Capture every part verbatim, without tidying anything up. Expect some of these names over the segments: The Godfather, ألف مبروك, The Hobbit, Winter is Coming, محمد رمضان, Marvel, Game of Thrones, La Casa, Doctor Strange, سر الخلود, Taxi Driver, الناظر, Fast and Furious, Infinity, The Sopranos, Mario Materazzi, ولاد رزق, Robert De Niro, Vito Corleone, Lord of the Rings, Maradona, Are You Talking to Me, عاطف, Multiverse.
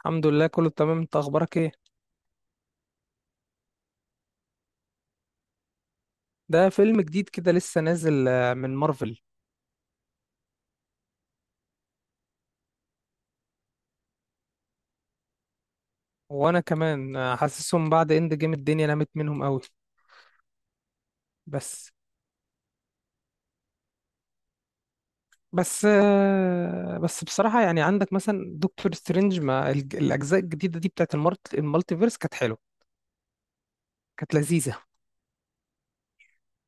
الحمد لله، كله تمام. انت اخبارك ايه؟ ده فيلم جديد كده لسه نازل آه، من مارفل. وانا كمان آه، حاسسهم بعد اند جيم الدنيا نامت منهم قوي. بس بس آه، بس بصراحة، يعني عندك مثلا دكتور سترينج، ما الج- الاجزاء الجديدة دي بتاعت المالت المالتيفيرس كانت حلوة، كانت لذيذة.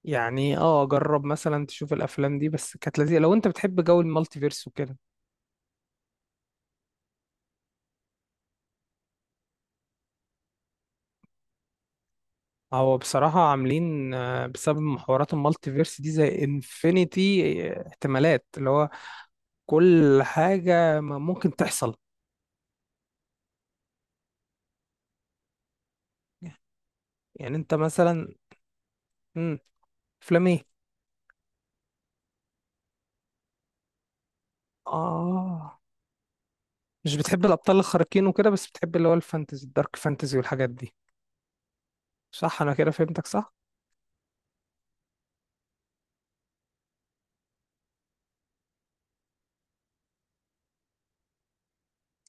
يعني اه جرب مثلا تشوف الافلام دي، بس كانت لذيذة لو انت بتحب جو المالتيفيرس وكده. هو بصراحة عاملين آه، بسبب محورات المالتيفيرس دي زي انفينيتي، آه، احتمالات، اللي هو كل حاجة ما ممكن تحصل. يعني انت مثلا. امم افلام ايه؟ اه، مش بتحب الابطال الخارقين وكده، بس بتحب اللي هو الفانتزي، الدارك فانتزي والحاجات دي، صح؟ انا كده فهمتك، صح؟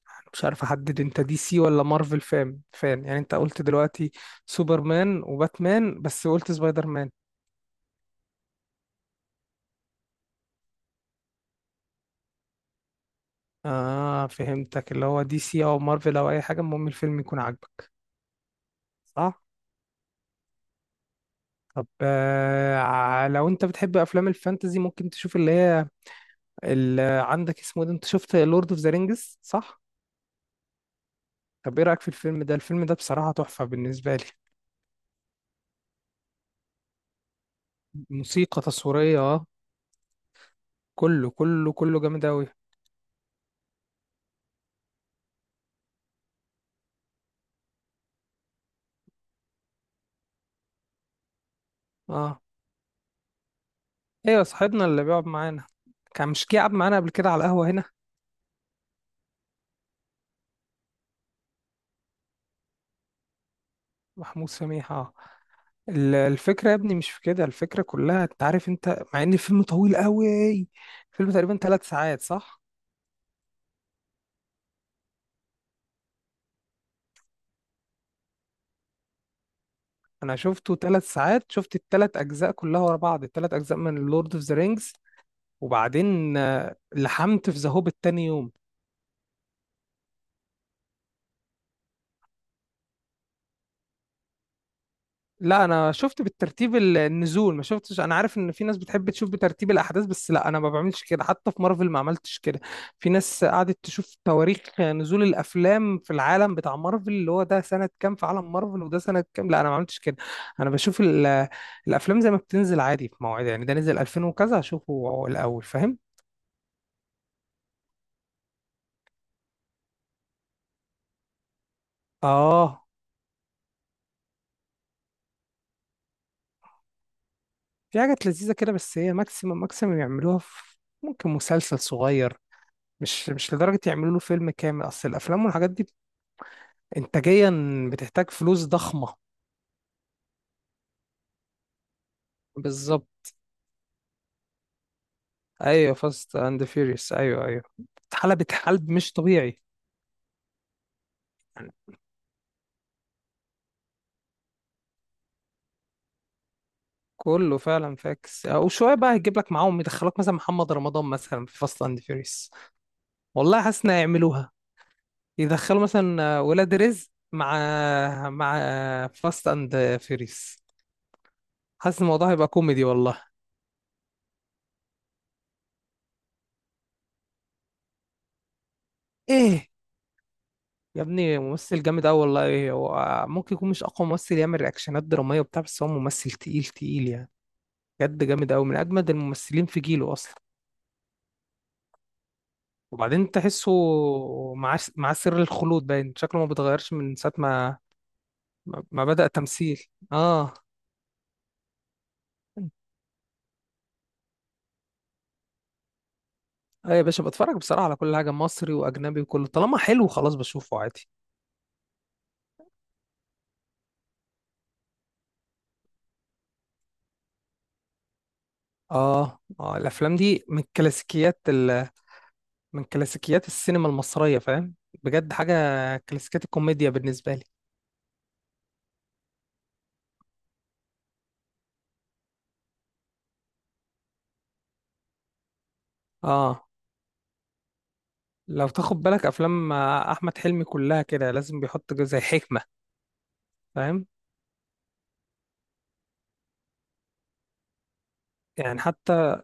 انا مش عارف احدد انت دي سي ولا مارفل فان فان، يعني انت قلت دلوقتي سوبرمان وباتمان، بس قلت سبايدر مان. اه، فهمتك، اللي هو دي سي او مارفل او اي حاجة، المهم الفيلم يكون عاجبك، صح؟ طب آه ع- لو انت بتحب افلام الفانتزي ممكن تشوف اللي هي، ال- عندك اسمه ده، انت شفت لورد اوف ذا رينجز، صح؟ طب ايه رايك في الفيلم ده؟ الفيلم ده بصراحه تحفه بالنسبه لي. موسيقى تصويريه، اه، كله كله كله جامد اوي. اه، ايوه، صاحبنا اللي بيقعد معانا، كان مش جه قعد معانا قبل كده على القهوه هنا؟ محمود سميح، اه. ال- الفكره يا ابني مش في كده، الفكره كلها انت عارف، انت مع ان الفيلم طويل قوي، الفيلم تقريبا ثلاث ساعات صح؟ انا شفته ثلاث ساعات، شفت الثلاث اجزاء كلها ورا بعض، الثلاث اجزاء من لورد اوف ذا رينجز. وبعدين آه، لحمت في ذا هوبيت تاني يوم. لا انا شفت بالترتيب ال- النزول، ما شفتش، انا عارف ان في ناس بتحب تشوف بترتيب الاحداث، بس لا انا ما بعملش كده، حتى في مارفل ما عملتش كده. في ناس قعدت تشوف تواريخ نزول الافلام في العالم بتاع مارفل، اللي هو ده سنة كام في عالم مارفل وده سنة كام. لا انا ما عملتش كده. انا بشوف ال- الافلام زي ما بتنزل عادي في مواعيدها، يعني ده نزل ألفين وكذا هشوفه الاول، فاهم؟ اه. في حاجات لذيذة كده، بس هي ماكسيمم ماكسيمم يعملوها في ممكن مسلسل صغير. مش مش لدرجة يعملوا له فيلم كامل، أصل الأفلام والحاجات دي إنتاجيا بتحتاج فلوس ضخمة. بالظبط. أيوه، فاست أند فيوريوس، أيوه أيوه. اتحلبت حلب مش طبيعي، يعني. كله فعلا فاكس، أو شوية بقى هيجيب لك معاهم يدخلوك مثلا محمد رمضان مثلا في فاست أند فيوريوس. والله حاسس إن هيعملوها، يدخلوا مثلا ولاد رزق مع، مع فاست أند فيوريوس. حاسس الموضوع هيبقى كوميدي والله. إيه؟ يا ابني ممثل جامد أوي والله، هو ممكن يكون مش أقوى ممثل يعمل رياكشنات درامية وبتاع، بس هو ممثل تقيل تقيل يعني. بجد جامد أوي، من أجمد الممثلين في جيله أصلا. وبعدين تحسه مع مع سر الخلود، باين شكله ما بيتغيرش من ساعة ما ما ما بدأ تمثيل، اه. اه، يا باشا، بتفرج بصراحة على كل حاجة، مصري وأجنبي، وكله طالما حلو خلاص بشوفه عادي. اه، اه، الأفلام دي من كلاسيكيات ال... من كلاسيكيات السينما المصرية، فاهم، بجد حاجة، كلاسيكيات الكوميديا بالنسبة لي. اه، لو تاخد بالك افلام احمد حلمي كلها كده لازم بيحط جو- زي حكمه، فاهم. يعني حتى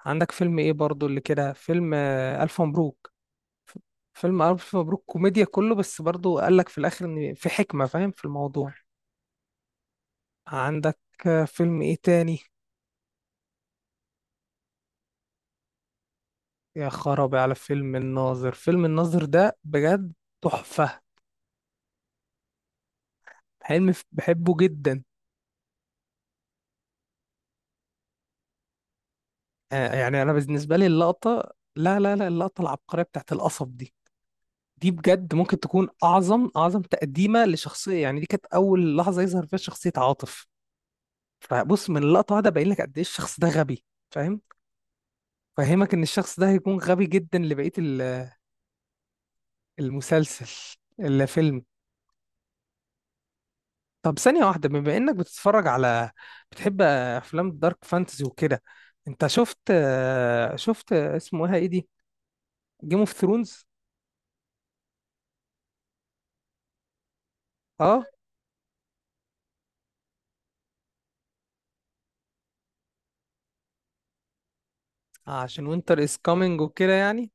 عندك فيلم ايه برضو اللي كده، فيلم آه، الف مبروك. ف- فيلم الف مبروك كوميديا كله، بس برضو قال لك في الاخر ان في حكمه، فاهم في الموضوع. عندك آه، فيلم ايه تاني؟ يا خرابي على فيلم الناظر. فيلم الناظر ده بجد تحفه. حلمي، ف- بحبه جدا. آه، يعني انا بالنسبه لي اللقطه، لا لا لا، اللقطه العبقريه بتاعت القصب دي، دي بجد ممكن تكون اعظم اعظم تقديمه لشخصيه، يعني دي كانت اول لحظه يظهر فيها شخصيه عاطف. فبص من اللقطه واحده باين لك قد ايه الشخص ده غبي، فاهم. فهمك ان الشخص ده هيكون غبي جدا لبقيه ال- المسلسل، الفيلم. طب ثانيه واحده، بما انك بتتفرج على بتحب افلام دارك فانتزي وكده، انت شفت شفت اسمه ايه دي، جيم اوف ثرونز؟ اه، عشان وينتر از كامينج وكده يعني.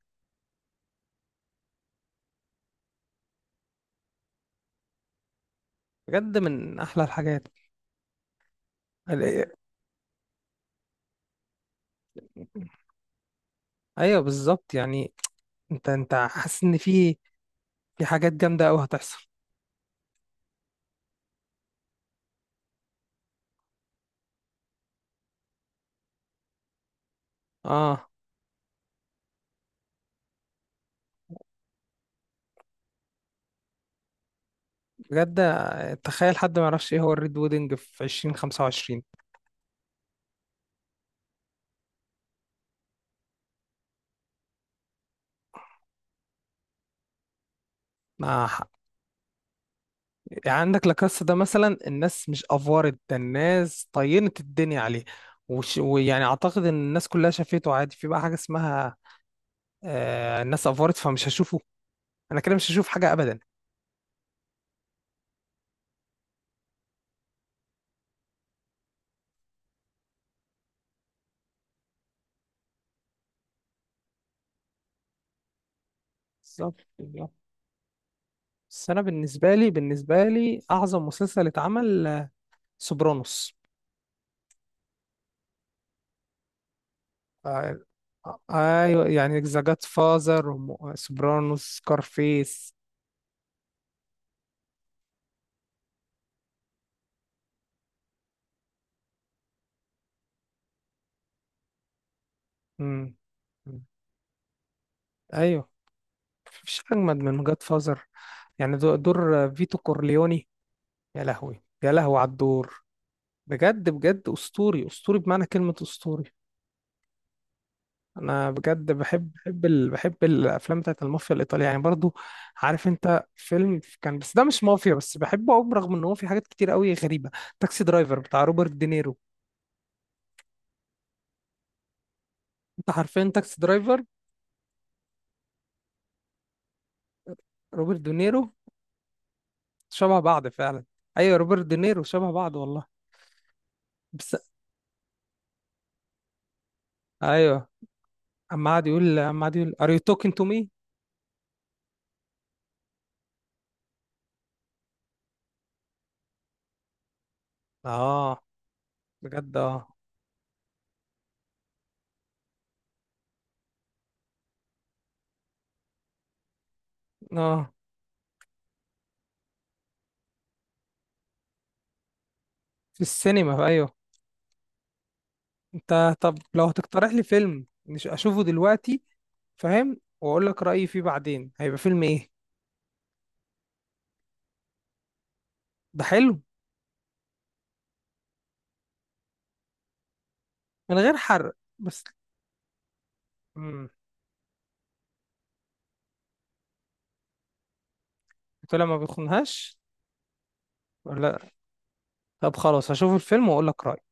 بجد من احلى الحاجات. ايوه بالظبط، يعني انت انت حاسس ان في في حاجات جامده قوي هتحصل. اه، بجد. تخيل حد ما يعرفش ايه هو الريد ويدنج في ألفين وخمسة وعشرين. آه. يعني عندك لاكاسا ده مثلا، الناس مش افورت، ده الناس طينت الدنيا عليه. وش... ويعني اعتقد ان الناس كلها شافته عادي، في بقى حاجه اسمها آه الناس افورت، فمش هشوفه، انا كده مش هشوف حاجه ابدا. بالظبط بالظبط. بس انا بالنسبه لي، بالنسبه لي اعظم مسلسل اتعمل آه، سوبرانوس. آه، ايوه يعني ذا جاد فازر، سوبرانوس، سكارفيس. امم ايوه، مفيش اجمد من جاد فازر. يعني دو- دور فيتو كورليوني، يا لهوي يا لهوي على الدور، بجد بجد اسطوري اسطوري بمعنى كلمة اسطوري. انا بجد بحب بحب ال... بحب الافلام بتاعت المافيا الايطالية يعني برضو. عارف انت فيلم كان، بس ده مش مافيا، بس بحبه قوي برغم ان هو في حاجات كتير قوي غريبة. تاكسي درايفر بتاع روبرت دينيرو. انت عارفين تاكسي درايفر؟ روبرت دينيرو شبه بعض فعلا. ايوه روبرت دينيرو شبه بعض والله. بس ايوه، اما قعد يقول اما قعد يقول ار يو توكينج تو مي. اه، بجد، اه. اه، في السينما، ايوه. انت طب لو هتقترح لي فيلم مش اشوفه دلوقتي، فاهم، واقول لك رايي فيه بعدين، هيبقى فيلم ايه؟ ده حلو. من غير حرق. بس. امم طلع ما بيخنهاش، ولا؟ طب خلاص هشوف الفيلم واقول لك رايي.